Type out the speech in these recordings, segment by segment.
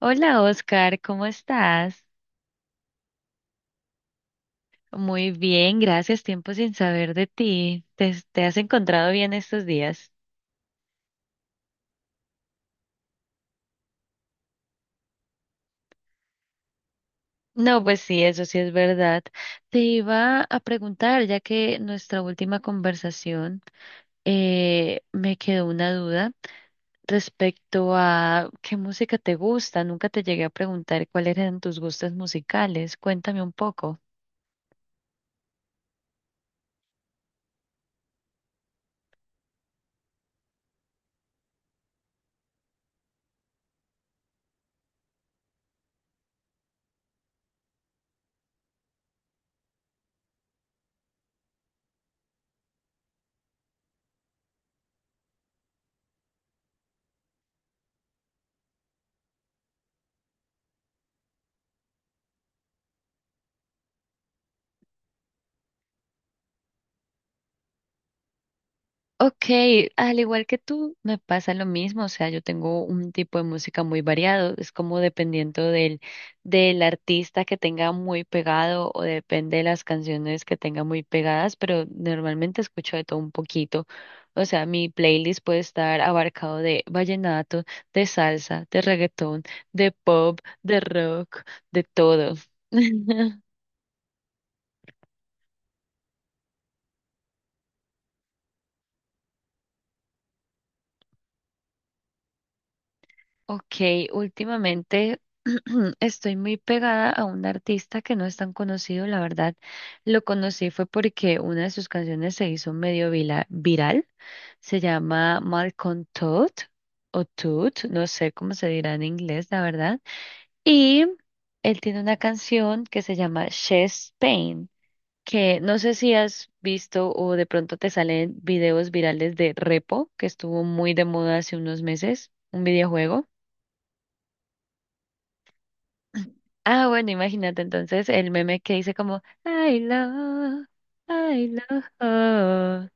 Hola Oscar, ¿cómo estás? Muy bien, gracias. Tiempo sin saber de ti. ¿Te has encontrado bien estos días? No, pues sí, eso sí es verdad. Te iba a preguntar, ya que nuestra última conversación me quedó una duda respecto a qué música te gusta. Nunca te llegué a preguntar cuáles eran tus gustos musicales. Cuéntame un poco. Ok, al igual que tú, me pasa lo mismo, o sea, yo tengo un tipo de música muy variado, es como dependiendo del, del artista que tenga muy pegado o depende de las canciones que tenga muy pegadas, pero normalmente escucho de todo un poquito, o sea, mi playlist puede estar abarcado de vallenato, de salsa, de reggaetón, de pop, de rock, de todo. Ok, últimamente estoy muy pegada a un artista que no es tan conocido, la verdad. Lo conocí fue porque una de sus canciones se hizo medio viral. Se llama Malcolm Todd o Todd, no sé cómo se dirá en inglés, la verdad. Y él tiene una canción que se llama Chest Pain, que no sé si has visto o de pronto te salen videos virales de Repo, que estuvo muy de moda hace unos meses, un videojuego. Ah, bueno, imagínate entonces el meme que dice como I love, oh,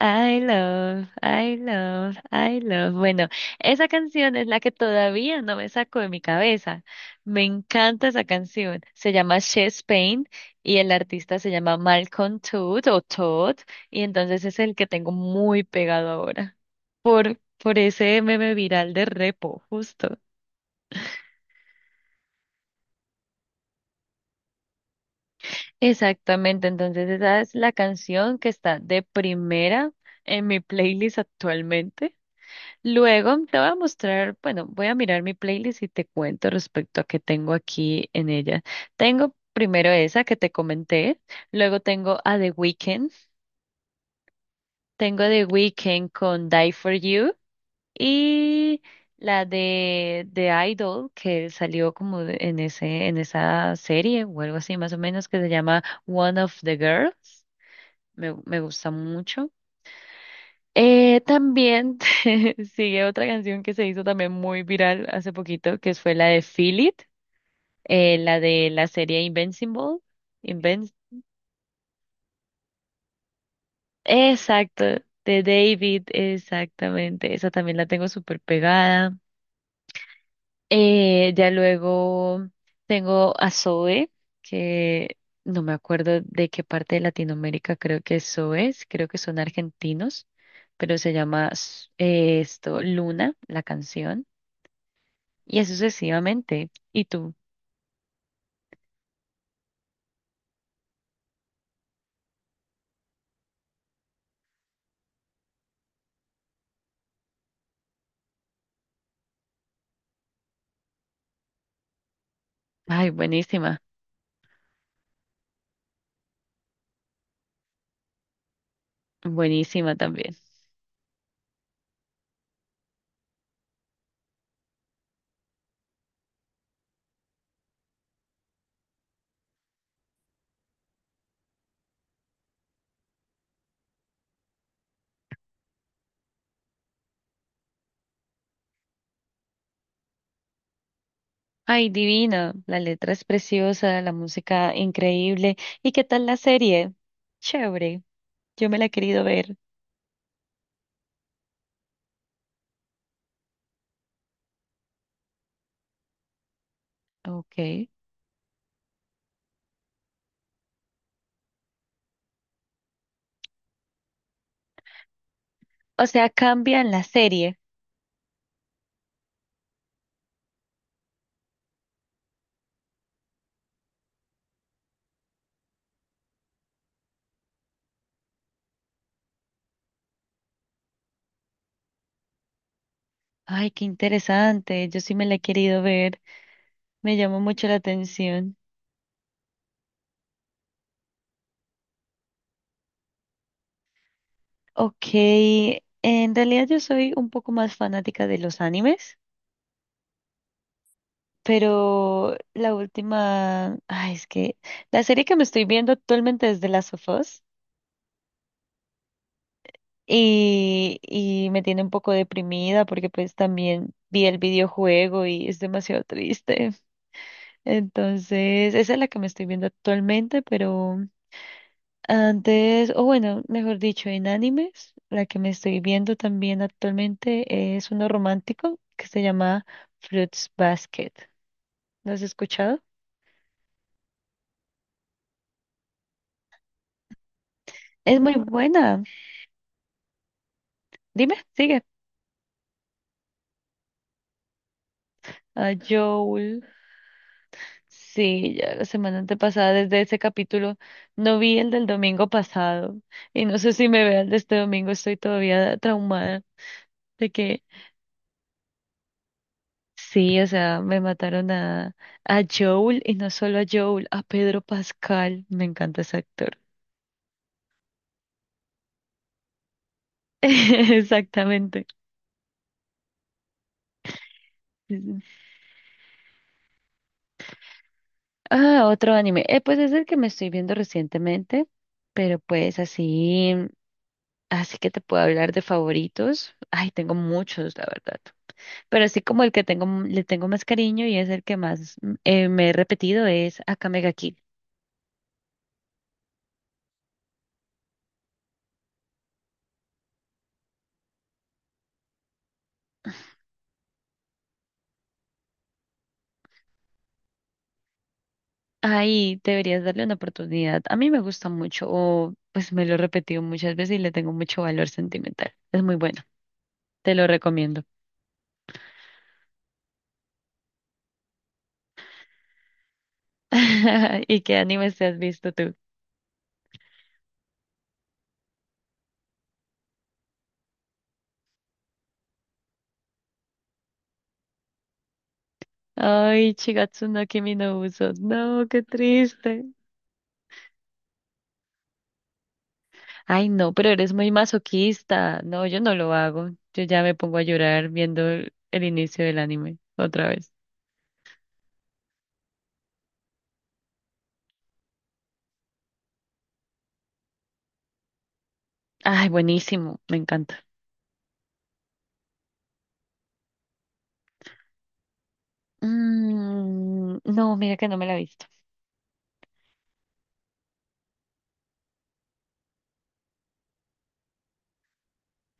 I love, I love, I love. Bueno, esa canción es la que todavía no me saco de mi cabeza. Me encanta esa canción. Se llama Chest Pain y el artista se llama Malcolm Todd o Todd y entonces es el que tengo muy pegado ahora por ese meme viral de Repo, justo. Exactamente, entonces esa es la canción que está de primera en mi playlist actualmente. Luego te voy a mostrar, bueno, voy a mirar mi playlist y te cuento respecto a qué tengo aquí en ella. Tengo primero esa que te comenté, luego tengo a The Weeknd, tengo a The Weeknd con Die For You y la de The Idol que salió como en esa serie o algo así más o menos que se llama One of the Girls. Me gusta mucho. También sigue otra canción que se hizo también muy viral hace poquito, que fue la de Feel It, la de la serie Invincible. Inven- Exacto, de David, exactamente. Esa también la tengo súper pegada. Ya luego tengo a Zoe, que no me acuerdo de qué parte de Latinoamérica creo que es Zoe, creo que son argentinos, pero se llama s- esto Luna, la canción, y así sucesivamente. ¿Y tú? Ay, buenísima, buenísima también. Ay, divina, la letra es preciosa, la música increíble. ¿Y qué tal la serie? Chévere, yo me la he querido ver. Ok. O sea, cambian la serie. Ay, qué interesante. Yo sí me la he querido ver. Me llamó mucho la atención. Ok, en realidad yo soy un poco más fanática de los animes, pero la última, ay, es que la serie que me estoy viendo actualmente es The Last of Us y me tiene un poco deprimida porque pues también vi el videojuego y es demasiado triste. Entonces, esa es la que me estoy viendo actualmente, pero... Antes, o bueno, mejor dicho, en animes, la que me estoy viendo también actualmente es uno romántico que se llama Fruits Basket. ¿Lo has escuchado? Es muy buena. Dime, sigue. A Joel. Sí, ya la semana antepasada, desde ese capítulo, no vi el del domingo pasado y no sé si me vea el de este domingo, estoy todavía traumada de que sí, o sea, me mataron a Joel y no solo a Joel, a Pedro Pascal. Me encanta ese actor. Exactamente. Sí, sí. Ah, otro anime. Pues es el que me estoy viendo recientemente, pero pues así, así que te puedo hablar de favoritos. Ay, tengo muchos, la verdad. Pero así como el que tengo, le tengo más cariño y es el que más me he repetido es Akame ga Kill. Ahí deberías darle una oportunidad. A mí me gusta mucho, o pues me lo he repetido muchas veces y le tengo mucho valor sentimental. Es muy bueno, te lo recomiendo. ¿Y qué animes te has visto tú? Ay, Shigatsu no Kimi no Uso. No, qué triste. Ay, no, pero eres muy masoquista. No, yo no lo hago. Yo ya me pongo a llorar viendo el inicio del anime otra vez. Ay, buenísimo, me encanta. Mm, no, mira que no me la he visto.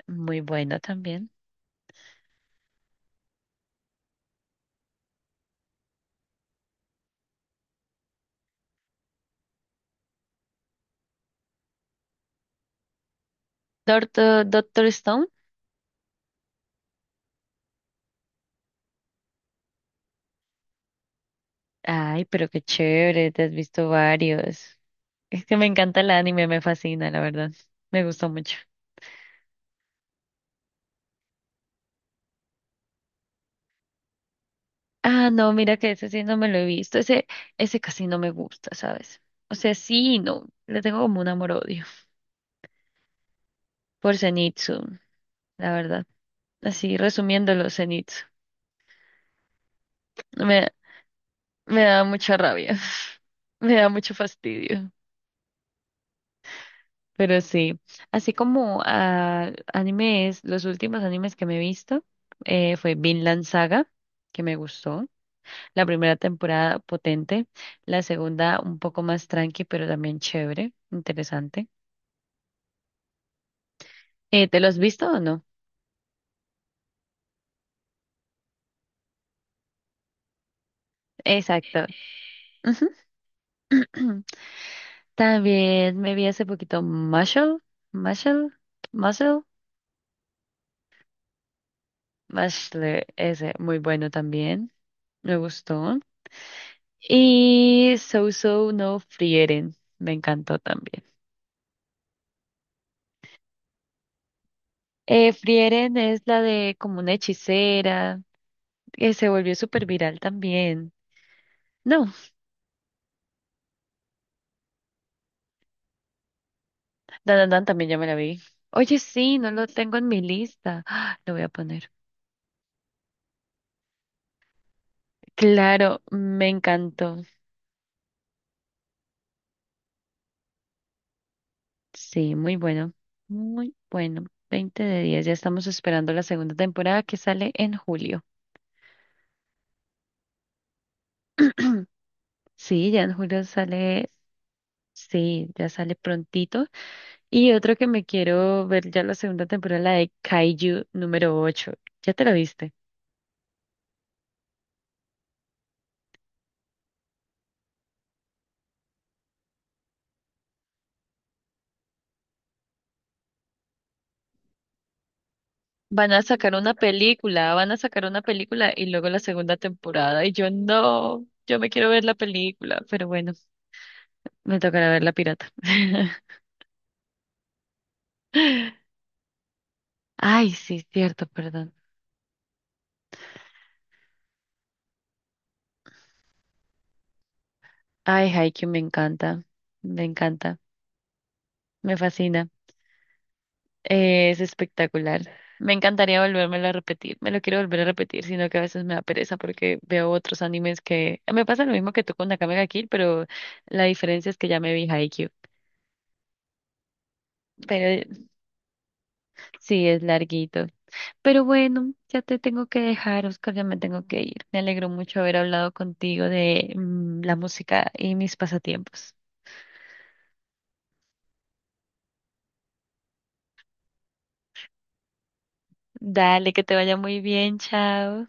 Muy bueno también. Doctor, Doctor Stone. Ay, pero qué chévere, te has visto varios. Es que me encanta el anime, me fascina, la verdad. Me gustó mucho. Ah, no, mira que ese sí no me lo he visto. Ese casi no me gusta, ¿sabes? O sea, sí, y no. Le tengo como un amor-odio por Zenitsu, la verdad. Así, resumiéndolo, Zenitsu. Me, me da mucha rabia. Me da mucho fastidio. Pero sí, así como animes, los últimos animes que me he visto fue Vinland Saga, que me gustó. La primera temporada potente, la segunda un poco más tranqui, pero también chévere, interesante. ¿Te lo has visto o no? Exacto. Ujú. También me vi hace poquito Muscle, Muscle, Muscle, ese, muy bueno también, me gustó. Y So So no Frieren, me encantó también. Frieren es la de como una hechicera, que se volvió súper viral también. No, Dan Dan Dan también ya me la vi. Oye, sí, no lo tengo en mi lista. Ah, lo voy a poner. Claro, me encantó. Sí, muy bueno, muy bueno. 20 de 10, ya estamos esperando la segunda temporada que sale en julio. Sí, ya en julio sale, sí, ya sale prontito. Y otro que me quiero ver ya la segunda temporada, la de Kaiju número 8. ¿Ya te la viste? Van a sacar una película, van a sacar una película y luego la segunda temporada. Y yo no, yo me quiero ver la película, pero bueno, me tocará ver la pirata. Ay, sí, cierto, perdón. Ay, Haikyuu me encanta, me encanta, me fascina. Es espectacular. Me encantaría volvérmelo a repetir. Me lo quiero volver a repetir, sino que a veces me da pereza porque veo otros animes que... Me pasa lo mismo que tú con Nakame ga Kill, pero la diferencia es que ya me vi Haikyuu. Pero sí, es larguito. Pero bueno, ya te tengo que dejar, Oscar, ya me tengo que ir. Me alegro mucho haber hablado contigo de la música y mis pasatiempos. Dale, que te vaya muy bien, chao.